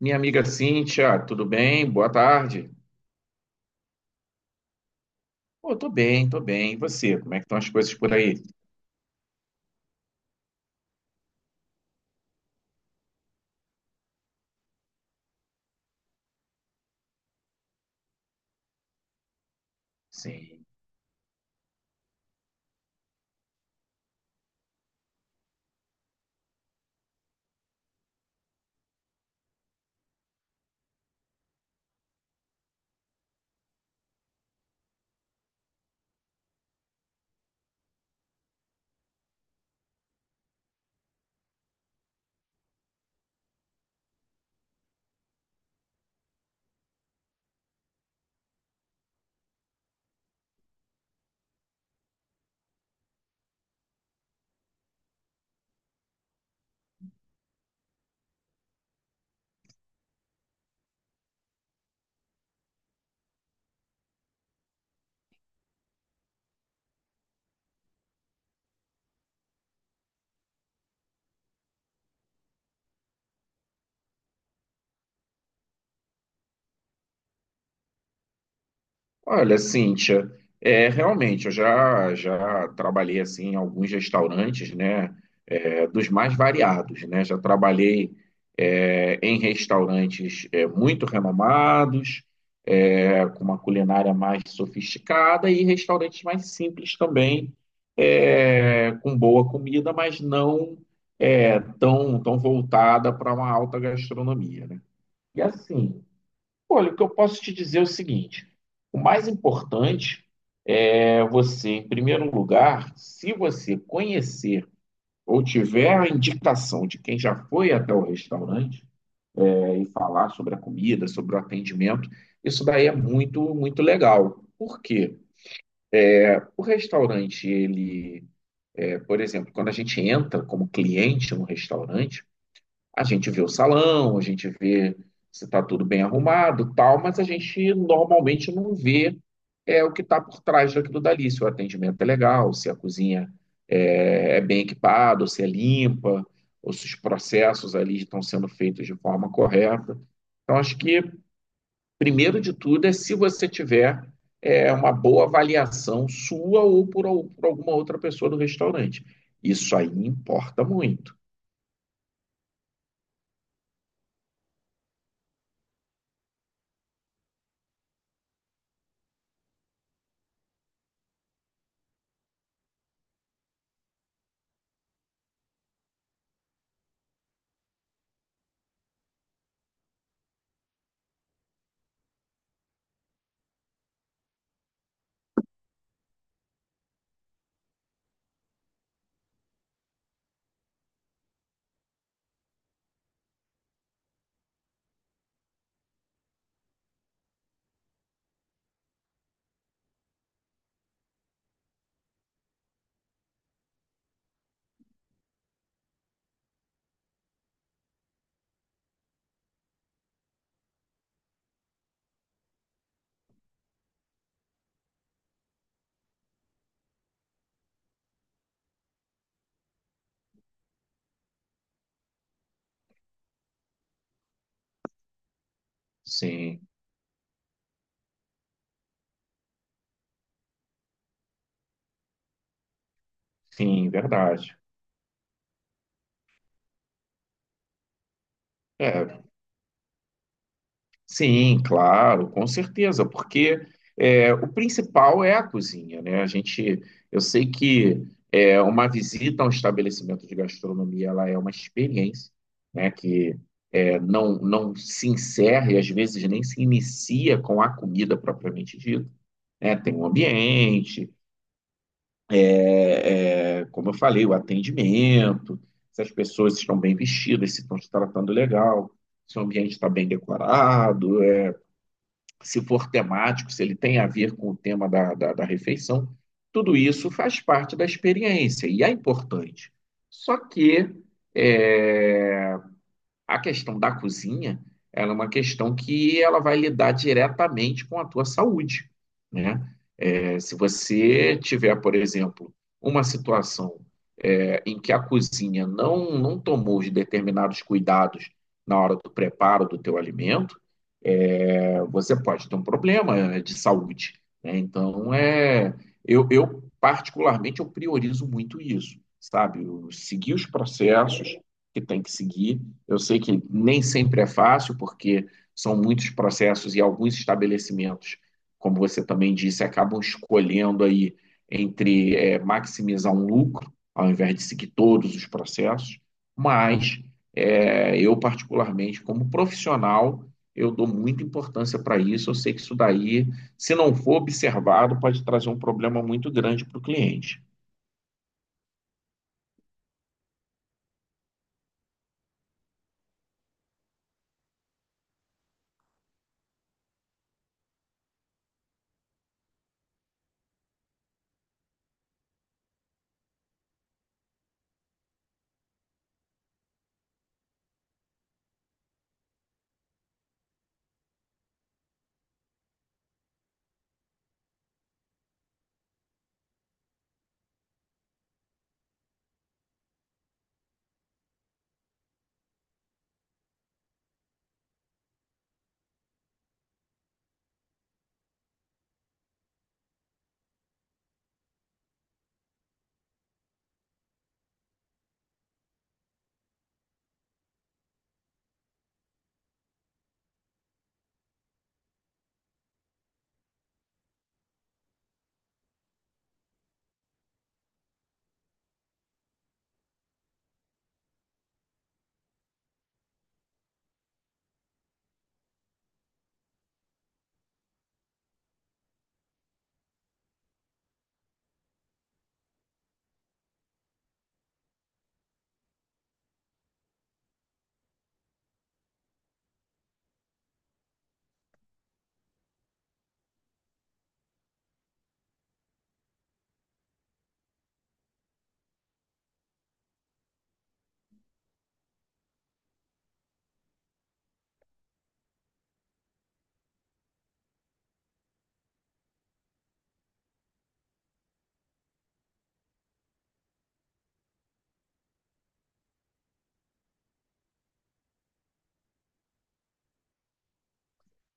Minha amiga Cíntia, tudo bem? Boa tarde. Pô, tô bem. E você? Como é que estão as coisas por aí? Sim. Olha, Cíntia, realmente, eu já trabalhei assim em alguns restaurantes, né, dos mais variados, né, já trabalhei em restaurantes muito renomados, com uma culinária mais sofisticada e restaurantes mais simples também, com boa comida, mas não tão voltada para uma alta gastronomia, né? E assim, olha, o que eu posso te dizer é o seguinte: o mais importante é você, em primeiro lugar, se você conhecer ou tiver a indicação de quem já foi até o restaurante, e falar sobre a comida, sobre o atendimento, isso daí é muito legal. Por quê? O restaurante, ele, é, por exemplo, quando a gente entra como cliente no restaurante, a gente vê o salão, a gente vê se está tudo bem arrumado, tal, mas a gente normalmente não vê o que está por trás daquilo dali, se o atendimento é legal, se a cozinha é bem equipada, ou se é limpa, ou se os processos ali estão sendo feitos de forma correta. Então, acho que, primeiro de tudo, é se você tiver uma boa avaliação sua ou por alguma outra pessoa do restaurante. Isso aí importa muito. Sim, sim, verdade. É, sim, claro, com certeza, porque o principal é a cozinha, né? Eu sei que uma visita a um estabelecimento de gastronomia, ela é uma experiência, né? Que não se encerra e às vezes nem se inicia com a comida propriamente dita, né? Tem um ambiente, como eu falei, o atendimento, se as pessoas estão bem vestidas, se estão se tratando legal, se o ambiente está bem decorado, se for temático, se ele tem a ver com o tema da refeição, tudo isso faz parte da experiência e é importante. Só que é, a questão da cozinha, ela é uma questão que ela vai lidar diretamente com a tua saúde, né? É, se você tiver, por exemplo, uma situação em que a cozinha não tomou os determinados cuidados na hora do preparo do teu alimento, é, você pode ter um problema de saúde. Né? Então, particularmente, eu priorizo muito isso, sabe? Eu seguir os processos que tem que seguir. Eu sei que nem sempre é fácil, porque são muitos processos e alguns estabelecimentos, como você também disse, acabam escolhendo aí entre maximizar um lucro, ao invés de seguir todos os processos, mas eu, particularmente, como profissional, eu dou muita importância para isso. Eu sei que isso daí, se não for observado, pode trazer um problema muito grande para o cliente.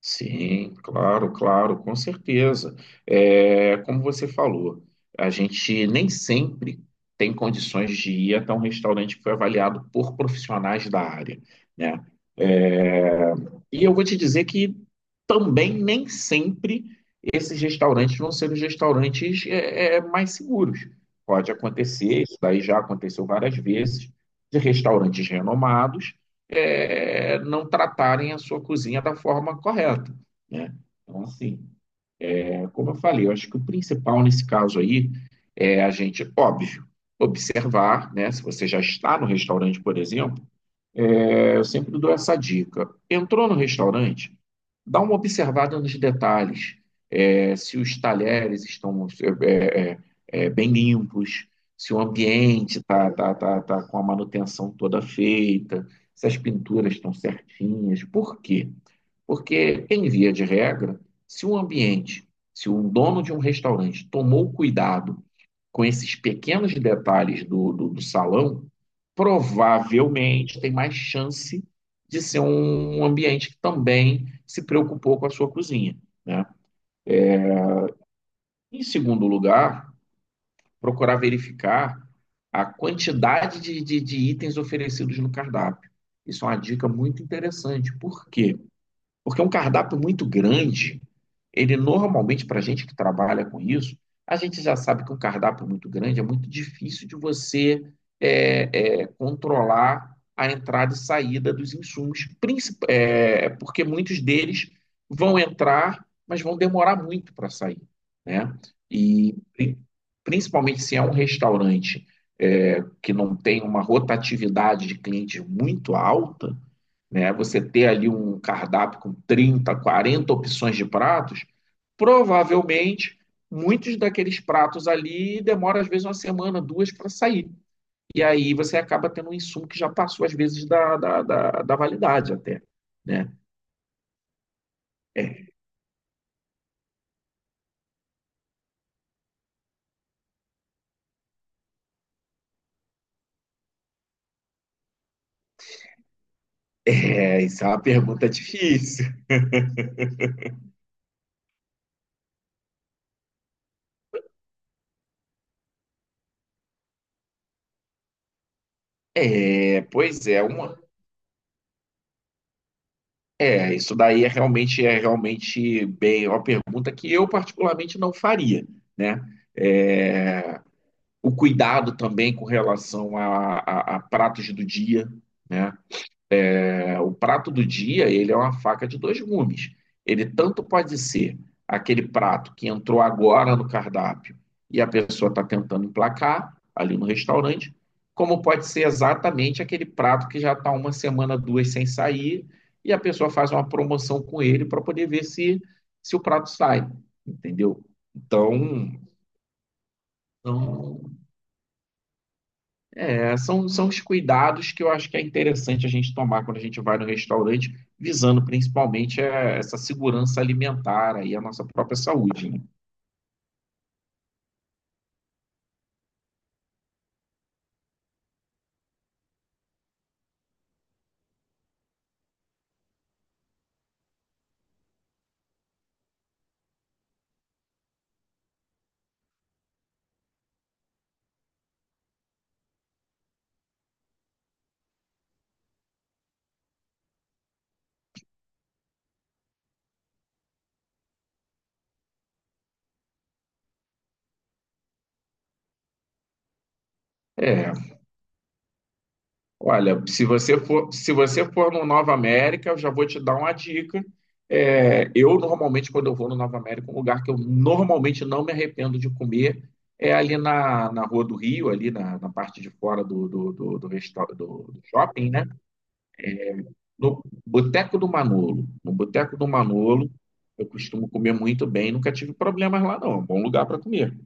Sim, claro, com certeza. É, como você falou, a gente nem sempre tem condições de ir até um restaurante que foi avaliado por profissionais da área, né? E eu vou te dizer que também nem sempre esses restaurantes vão ser os restaurantes mais seguros. Pode acontecer, isso daí já aconteceu várias vezes, de restaurantes renomados não tratarem a sua cozinha da forma correta, né? Então, assim, como eu falei, eu acho que o principal nesse caso aí é a gente, óbvio, observar, né? Se você já está no restaurante, por exemplo, eu sempre dou essa dica. Entrou no restaurante, dá uma observada nos detalhes. É, se os talheres estão é, é, bem limpos, se o ambiente está com a manutenção toda feita, se as pinturas estão certinhas. Por quê? Porque, em via de regra, se um ambiente, se um dono de um restaurante tomou cuidado com esses pequenos detalhes do salão, provavelmente tem mais chance de ser um ambiente que também se preocupou com a sua cozinha, né? Em segundo lugar, procurar verificar a quantidade de itens oferecidos no cardápio. Isso é uma dica muito interessante. Por quê? Porque um cardápio muito grande, ele normalmente, para a gente que trabalha com isso, a gente já sabe que um cardápio muito grande é muito difícil de você controlar a entrada e saída dos insumos, porque muitos deles vão entrar, mas vão demorar muito para sair, né? E principalmente se é um restaurante que não tem uma rotatividade de clientes muito alta, né? Você ter ali um cardápio com 30, 40 opções de pratos, provavelmente muitos daqueles pratos ali demora às vezes uma semana, duas para sair. E aí você acaba tendo um insumo que já passou às vezes da validade até. Né? É, isso é uma pergunta difícil. É, pois é, uma, é, isso daí é realmente, é realmente bem é uma pergunta que eu particularmente não faria, né? É, o cuidado também com relação a pratos do dia. Né? É, o prato do dia ele é uma faca de dois gumes. Ele tanto pode ser aquele prato que entrou agora no cardápio e a pessoa está tentando emplacar ali no restaurante, como pode ser exatamente aquele prato que já está uma semana, duas sem sair e a pessoa faz uma promoção com ele para poder ver se, se o prato sai, entendeu? Então, é, são os cuidados que eu acho que é interessante a gente tomar quando a gente vai no restaurante, visando principalmente essa segurança alimentar aí, a nossa própria saúde, né? É, olha, se você for no Nova América, eu já vou te dar uma dica. É, eu normalmente, quando eu vou no Nova América, um lugar que eu normalmente não me arrependo de comer é ali na Rua do Rio, ali na parte de fora do do shopping, né? No Boteco do Manolo. No Boteco do Manolo, eu costumo comer muito bem, nunca tive problemas lá, não. É um bom lugar para comer.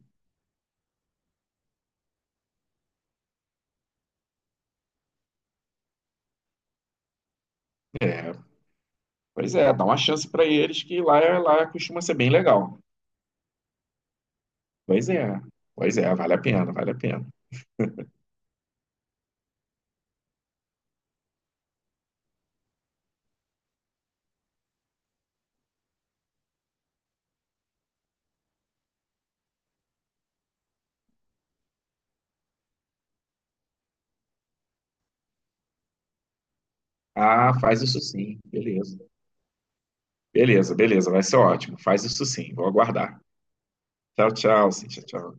É, pois é, dá uma chance para eles que lá, lá costuma ser bem legal. Pois é, pois é, vale a pena. Ah, faz isso sim, beleza. Beleza, beleza, vai ser ótimo. Faz isso sim, vou aguardar. Tchau, tchau, Cíntia, tchau.